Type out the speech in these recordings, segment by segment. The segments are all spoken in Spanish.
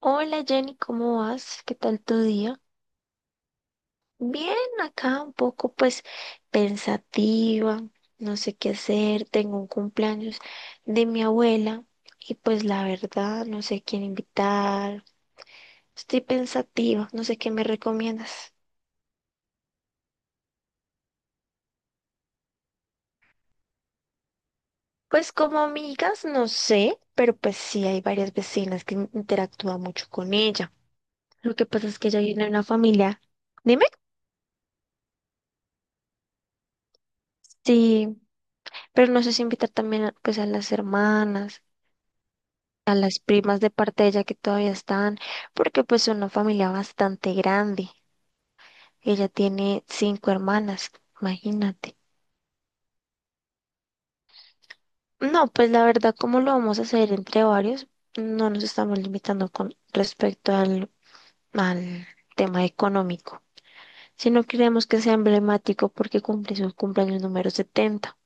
Hola Jenny, ¿cómo vas? ¿Qué tal tu día? Bien, acá un poco pues pensativa, no sé qué hacer, tengo un cumpleaños de mi abuela y pues la verdad no sé quién invitar, estoy pensativa, no sé qué me recomiendas. Pues como amigas, no sé, pero pues sí hay varias vecinas que interactúan mucho con ella. Lo que pasa es que ella viene de una familia, dime, sí, pero no sé si invitar también pues a las hermanas. A las primas de parte de ella que todavía están, porque pues es una familia bastante grande. Ella tiene cinco hermanas, imagínate. No, pues la verdad, ¿cómo lo vamos a hacer entre varios? No nos estamos limitando con respecto al tema económico, sino queremos que sea emblemático porque cumple su cumpleaños número 70.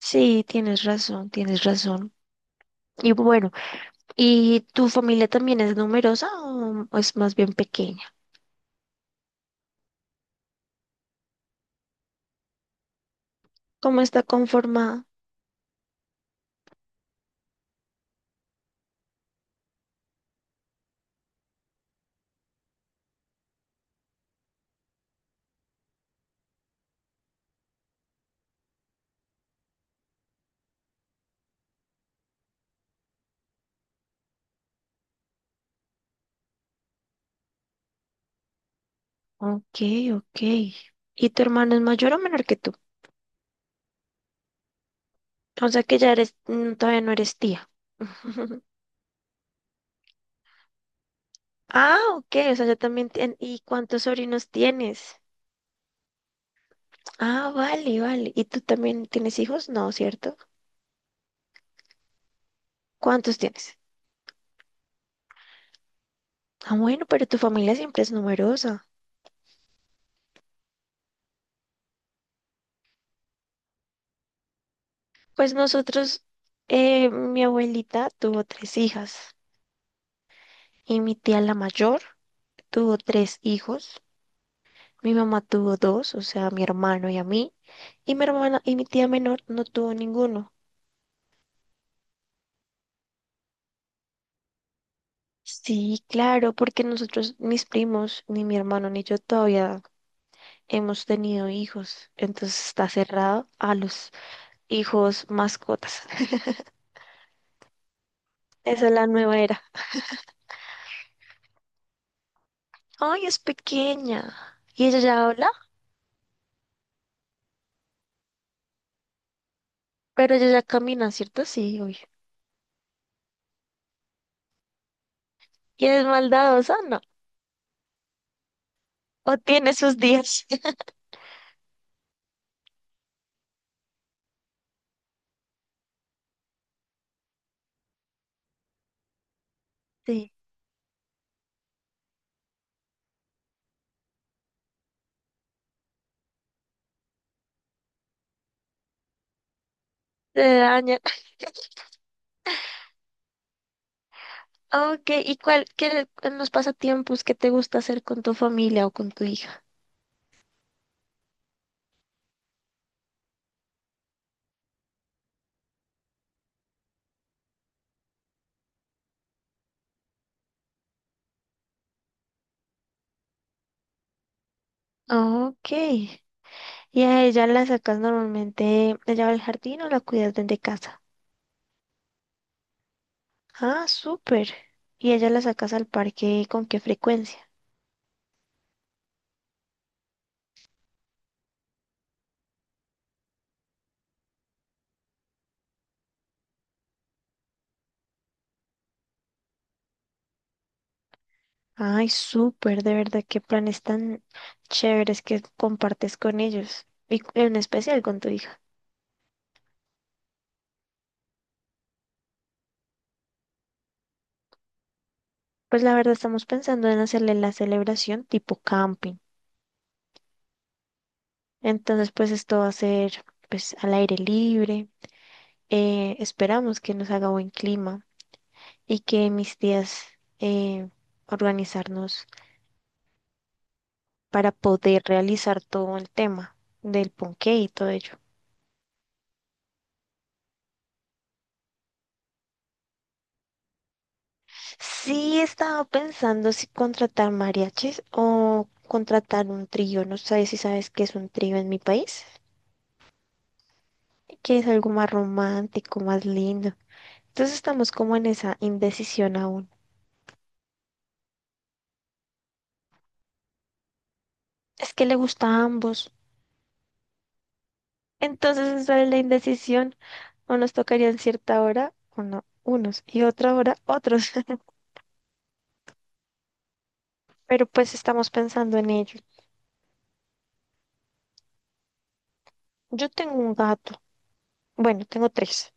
Sí, tienes razón, tienes razón. Y bueno, ¿y tu familia también es numerosa o es más bien pequeña? ¿Cómo está conformada? Ok, ok. ¿Y tu hermano es mayor o menor que tú? O sea que ya eres, todavía no eres tía. Ah, ok, o sea, ya también ¿Y cuántos sobrinos tienes? Ah, vale, vale. ¿Y tú también tienes hijos? No, ¿cierto? ¿Cuántos tienes? Ah, bueno, pero tu familia siempre es numerosa. Pues nosotros, mi abuelita tuvo tres hijas y mi tía la mayor tuvo tres hijos. Mi mamá tuvo dos, o sea, mi hermano y a mí, y mi hermana y mi tía menor no tuvo ninguno. Sí, claro, porque nosotros, mis primos, ni mi hermano ni yo todavía hemos tenido hijos, entonces está cerrado a los hijos mascotas. Esa es la nueva era. Ay, es pequeña. Y ella ya habla, pero ella ya camina, ¿cierto? Sí, obvio. ¿Y es maldadosa? No. O tiene sus días. Sí. Se daña. Ah, ok, ¿y cuál, qué en los pasatiempos que te gusta hacer con tu familia o con tu hija? Ok. ¿Y a ella la sacas normalmente, ella va al jardín o la cuidas desde casa? Ah, súper. ¿Y ella la sacas al parque con qué frecuencia? Ay, súper, de verdad, qué planes tan chéveres que compartes con ellos y en especial con tu hija. Pues la verdad estamos pensando en hacerle la celebración tipo camping. Entonces, pues esto va a ser pues al aire libre. Esperamos que nos haga buen clima y que mis tías eh, organizarnos para poder realizar todo el tema del ponqué y todo ello. Sí, estaba pensando si contratar mariachis o contratar un trío. No sé si sabes qué es un trío en mi país, que es algo más romántico, más lindo. Entonces estamos como en esa indecisión aún. Es que le gusta a ambos. Entonces esa es la indecisión. Unos tocarían cierta hora, unos, y otra hora, otros. Pero pues estamos pensando en ello. Yo tengo un gato. Bueno, tengo tres.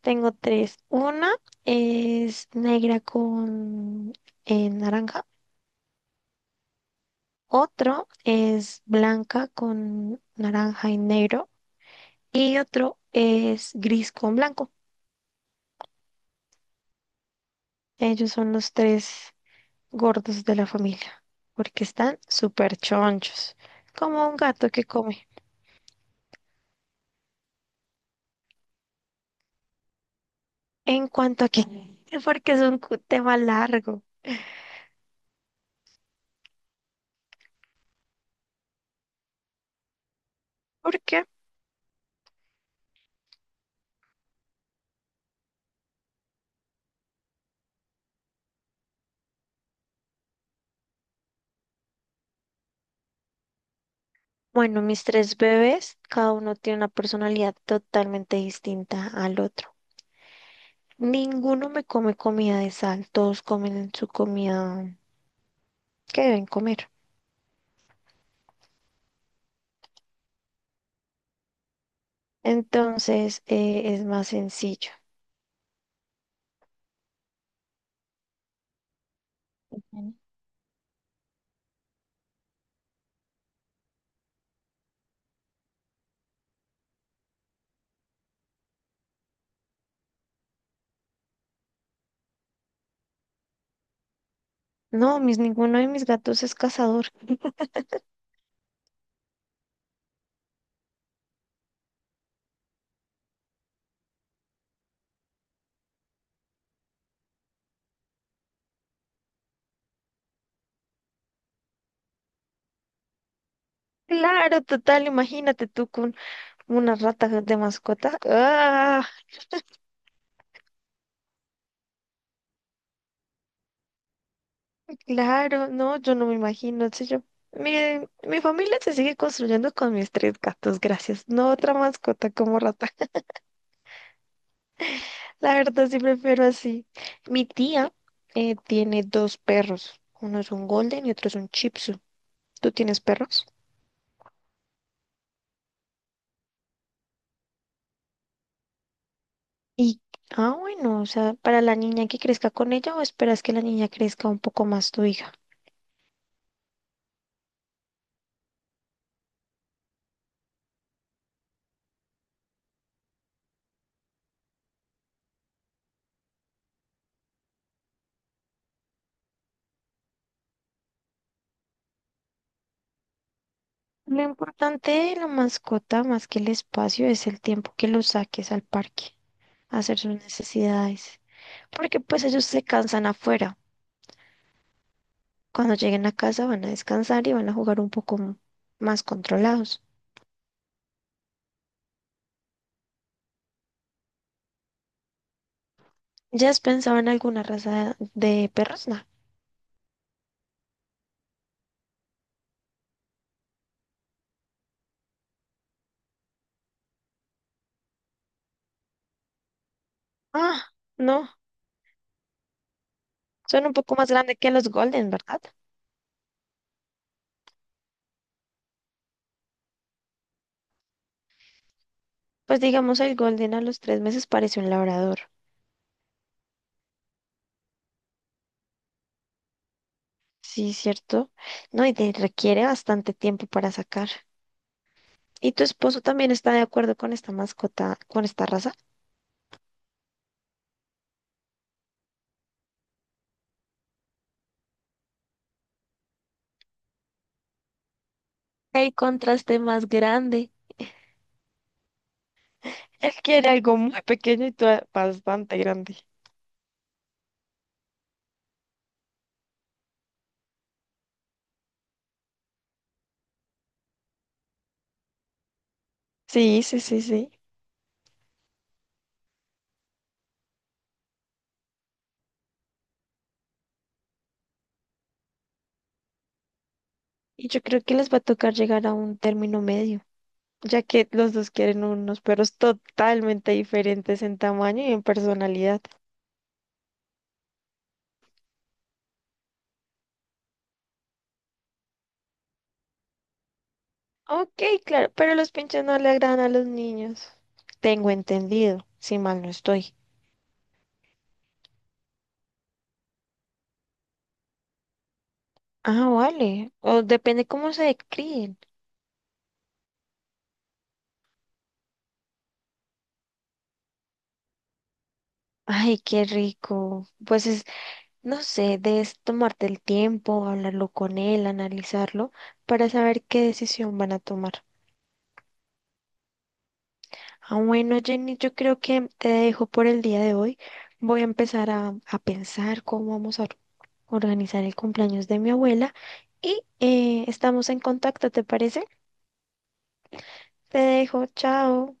Tengo tres. Una es negra con naranja. Otro es blanca con naranja y negro. Y otro es gris con blanco. Ellos son los tres gordos de la familia. Porque están súper chonchos. Como un gato que come. En cuanto a que, porque es un tema largo. ¿Por qué? Bueno, mis tres bebés, cada uno tiene una personalidad totalmente distinta al otro. Ninguno me come comida de sal, todos comen su comida que deben comer. Entonces, es más sencillo. Bueno. No, ninguno de mis gatos es cazador. Claro, total, imagínate tú con una rata de mascota. ¡Ah! Claro, no, yo no me imagino, sé yo. Miren, mi familia se sigue construyendo con mis tres gatos, gracias. No otra mascota como rata. La verdad sí prefiero así. Mi tía tiene dos perros. Uno es un golden y otro es un chipsu. ¿Tú tienes perros? Y, ah, bueno, o sea, para la niña que crezca con ella o esperas que la niña crezca un poco más tu hija. Lo importante de la mascota, más que el espacio, es el tiempo que lo saques al parque, hacer sus necesidades, porque pues ellos se cansan afuera. Cuando lleguen a casa van a descansar y van a jugar un poco más controlados. ¿Ya has pensado en alguna raza de perros? No. Ah, no, son un poco más grandes que los Golden, ¿verdad? Pues digamos el Golden a los 3 meses parece un labrador. Sí, cierto. No, y te requiere bastante tiempo para sacar. ¿Y tu esposo también está de acuerdo con esta mascota, con esta raza? ¿Qué contraste más grande? Él quiere algo muy pequeño y tú bastante grande. Sí, sí, sí, sí. Y yo creo que les va a tocar llegar a un término medio. Ya que los dos quieren unos perros totalmente diferentes en tamaño y en personalidad. Ok, claro, pero los pinches no le agradan a los niños. Tengo entendido, si mal no estoy. Ah, vale. O depende cómo se críen. Ay, qué rico. Pues no sé, debes tomarte el tiempo, hablarlo con él, analizarlo, para saber qué decisión van a tomar. Ah, bueno, Jenny, yo creo que te dejo por el día de hoy. Voy a empezar a pensar cómo vamos a organizar el cumpleaños de mi abuela y estamos en contacto, ¿te parece? Te dejo, chao.